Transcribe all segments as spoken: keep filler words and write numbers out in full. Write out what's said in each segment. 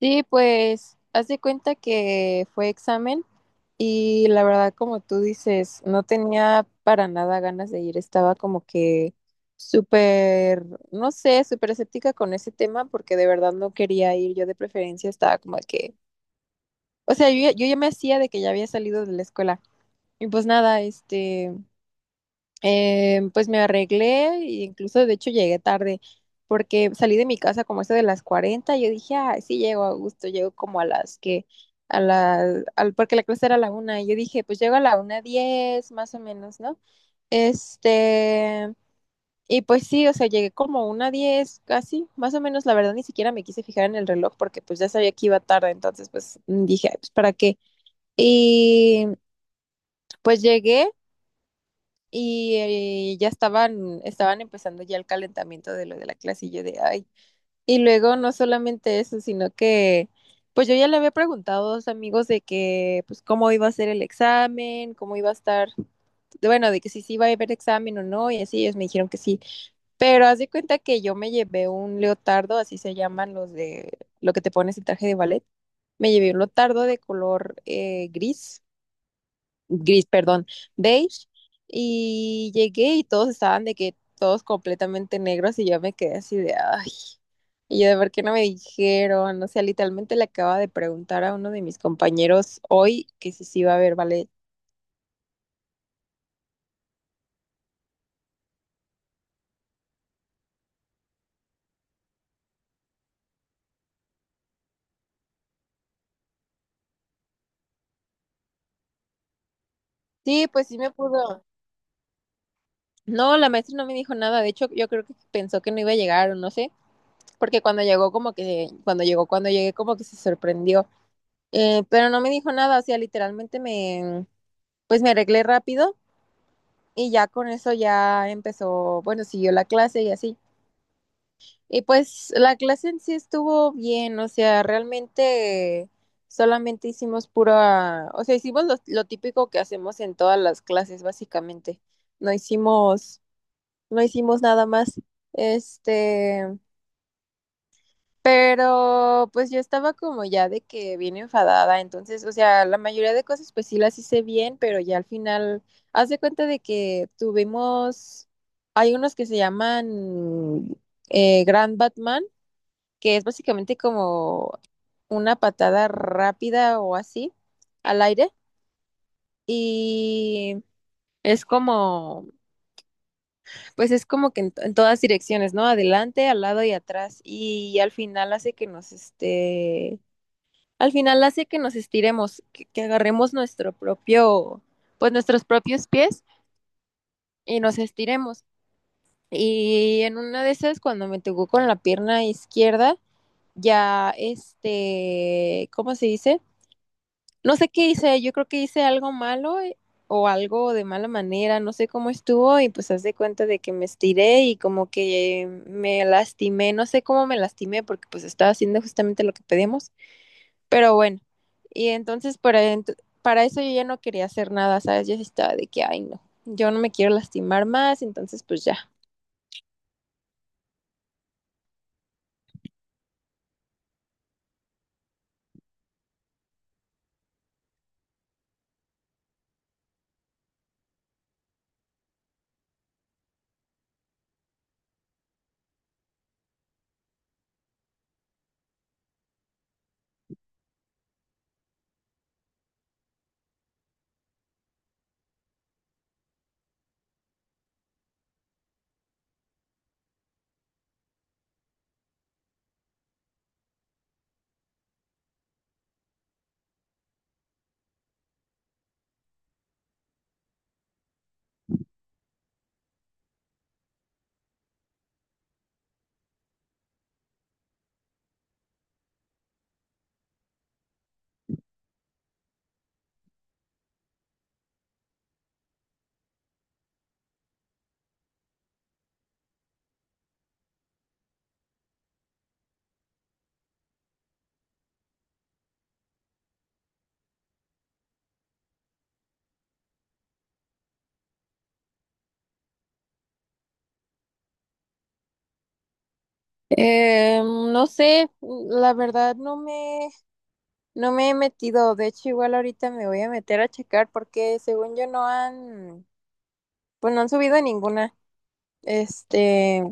Sí, pues haz de cuenta que fue examen y la verdad, como tú dices, no tenía para nada ganas de ir, estaba como que súper, no sé, súper escéptica con ese tema porque de verdad no quería ir, yo de preferencia estaba como de que, o sea, yo, ya- yo ya me hacía de que ya había salido de la escuela y pues nada, este... Eh, pues me arreglé e incluso de hecho llegué tarde porque salí de mi casa como eso de las cuarenta y yo dije, ah, sí llego a gusto, llego como a las que, a la, al, porque la clase era a la una y yo dije, pues llego a la una diez más o menos, ¿no? Este, y pues sí, o sea, llegué como una diez casi, más o menos, la verdad ni siquiera me quise fijar en el reloj porque pues ya sabía que iba tarde, entonces pues dije, "Ay, pues para qué". Y pues llegué y eh, ya estaban, estaban empezando ya el calentamiento de lo de la clase y yo de ay. Y luego no solamente eso, sino que pues yo ya le había preguntado a dos amigos de que pues cómo iba a ser el examen, cómo iba a estar, de- bueno, de que si sí iba a haber examen o no, y así ellos me dijeron que sí. Pero haz de cuenta que yo me llevé un leotardo, así se llaman los de lo que te pones el traje de ballet. Me llevé un leotardo de color eh, gris gris, perdón, beige, y llegué y todos estaban de que todos completamente negros y yo me quedé así de, ay, y yo de por qué no me dijeron, o sea, literalmente le acaba de preguntar a uno de mis compañeros hoy que si sí iba a haber ballet. Sí, pues sí me pudo. No, la maestra no me dijo nada, de hecho yo creo que pensó que no iba a llegar o no sé, porque cuando llegó como que, cuando llegó, cuando llegué como que se sorprendió. Eh, pero no me dijo nada, o sea, literalmente me, pues me arreglé rápido y ya con eso ya empezó, bueno, siguió la clase y así. Y pues la clase en sí estuvo bien, o sea, realmente solamente hicimos pura, o sea, hicimos lo, lo típico que hacemos en todas las clases, básicamente. No hicimos, no hicimos nada más. Este, pero pues yo estaba como ya de que bien enfadada, entonces, o sea, la mayoría de cosas pues sí las hice bien, pero ya al final, haz de cuenta de que tuvimos, hay unos que se llaman eh, Grand Batman, que es básicamente como una patada rápida o así al aire, y es como, pues es como que en, en todas direcciones, ¿no? Adelante, al lado y atrás, y al final hace que nos este al final hace que nos estiremos, que, que agarremos nuestro propio, pues nuestros propios pies y nos estiremos. Y en una de esas, cuando me tocó con la pierna izquierda, ya este, ¿cómo se dice? No sé qué hice, yo creo que hice algo malo eh, o algo de mala manera, no sé cómo estuvo y pues haz de cuenta de que me estiré y como que me lastimé, no sé cómo me lastimé porque pues estaba haciendo justamente lo que pedimos. Pero bueno, y entonces para, ent- para eso yo ya no quería hacer nada, ¿sabes? Yo sí estaba de que, ay, no, yo no me quiero lastimar más, entonces pues ya. Eh, no sé, la verdad no me, no me he metido, de hecho igual ahorita me voy a meter a checar porque según yo no han, pues no han subido ninguna. Este,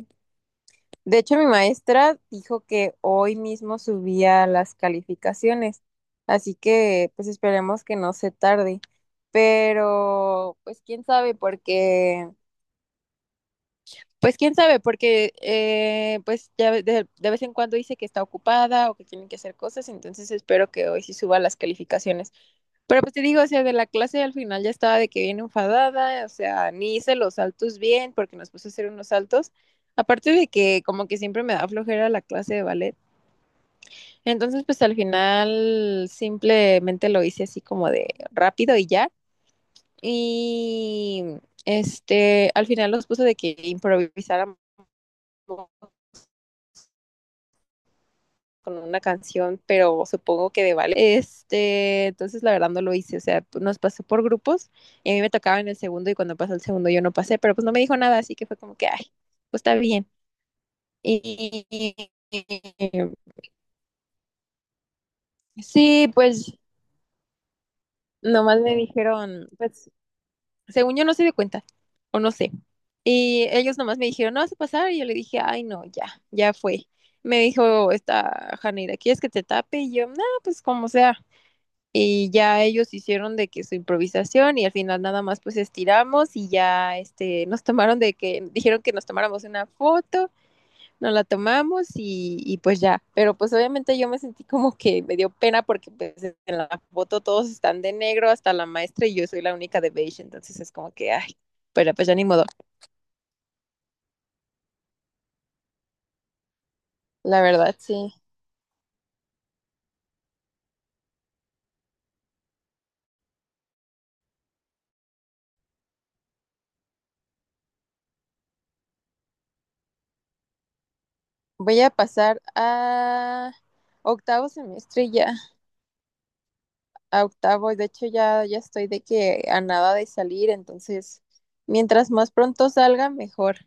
de hecho, mi maestra dijo que hoy mismo subía las calificaciones, así que pues esperemos que no se tarde. Pero pues quién sabe, porque pues quién sabe, porque eh, pues ya ve- de, de vez en cuando dice que está ocupada o que tienen que hacer cosas, entonces espero que hoy sí suba las calificaciones. Pero pues te digo, o sea, de la clase al final ya estaba de que bien enfadada, o sea, ni hice los saltos bien porque nos puso a hacer unos saltos. Aparte de que como que siempre me da flojera la clase de ballet. Entonces, pues al final simplemente lo hice así como de rápido y ya. Y este, al final nos puso de que improvisáramos con una canción, pero supongo que de vale. Este, entonces la verdad no lo hice, o sea, nos pasó por grupos y a mí me tocaba en el segundo y cuando pasó el segundo yo no pasé, pero pues no me dijo nada, así que fue como que, ay, pues está bien. Y, y- sí, pues nomás me dijeron, pues según yo no se dio cuenta, o no sé. Y ellos nomás me dijeron, no vas a pasar, y yo le dije, ay, no, ya, ya fue. Me dijo esta Janeira, ¿quieres que te tape? Y yo, no, pues como sea. Y ya ellos hicieron de que su improvisación y al final nada más pues estiramos y ya este nos tomaron de que dijeron que nos tomáramos una foto, nos la tomamos y, y pues ya, pero pues obviamente yo me sentí como que me dio pena porque pues en la foto todos están de negro hasta la maestra y yo soy la única de beige, entonces es como que ay, pero pues ya ni modo, la verdad sí. Voy a pasar a octavo semestre ya, a octavos. De hecho, ya, ya estoy de que a nada de salir, entonces, mientras más pronto salga, mejor.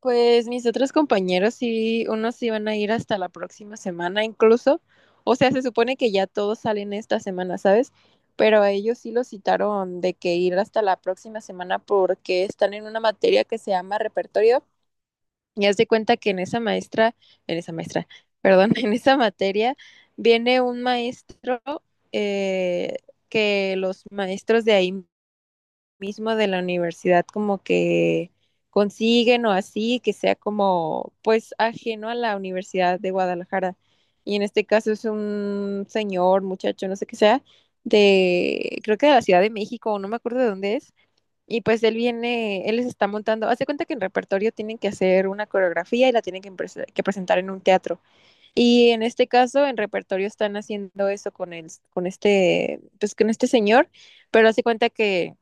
Pues mis otros compañeros sí, unos sí van a ir hasta la próxima semana incluso. O sea, se supone que ya todos salen esta semana, ¿sabes? Pero a ellos sí los citaron de que ir hasta la próxima semana porque están en una materia que se llama repertorio. Y haz de cuenta que en esa maestra, en esa maestra, perdón, en esa materia viene un maestro eh, que los maestros de ahí mismo de la universidad como que consiguen o así, que sea como pues ajeno a la Universidad de Guadalajara. Y en este caso es un señor, muchacho, no sé qué sea, de, creo que de la Ciudad de México, o no me acuerdo de dónde es y pues él viene, él les está montando, hace cuenta que en repertorio tienen que hacer una coreografía y la tienen que, prese- que presentar en un teatro. Y en este caso, en repertorio están haciendo eso con el, con este, pues con este señor, pero hace cuenta que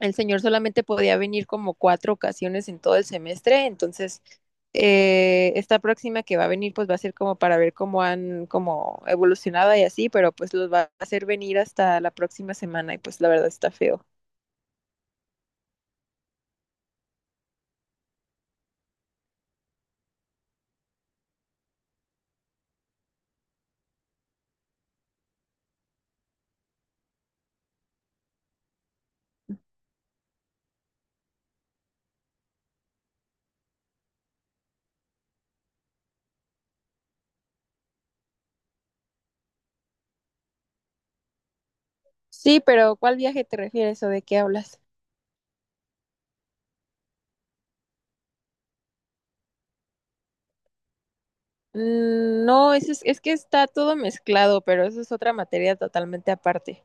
el señor solamente podía venir como cuatro ocasiones en todo el semestre, entonces eh, esta próxima que va a venir, pues va a ser como para ver cómo han como evolucionado y así, pero pues los va a hacer venir hasta la próxima semana y pues la verdad está feo. Sí, pero ¿cuál viaje te refieres o de qué hablas? Mm, no, es es, es que está todo mezclado, pero eso es otra materia totalmente aparte.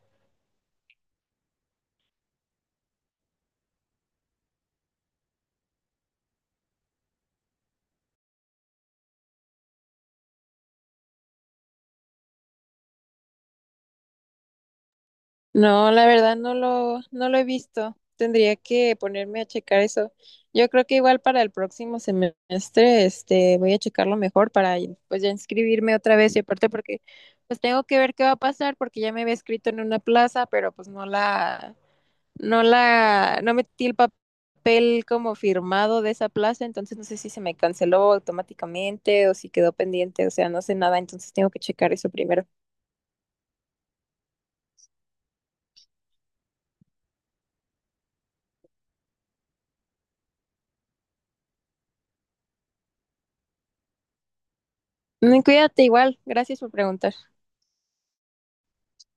No, la verdad no lo, no lo he visto. Tendría que ponerme a checar eso. Yo creo que igual para el próximo semestre, este, voy a checarlo mejor para pues ya inscribirme otra vez y aparte porque pues tengo que ver qué va a pasar porque ya me había escrito en una plaza, pero pues no la no la, no metí el papel como firmado de esa plaza, entonces no sé si se me canceló automáticamente o si quedó pendiente, o sea, no sé nada, entonces tengo que checar eso primero. Mm, cuídate igual, gracias por preguntar.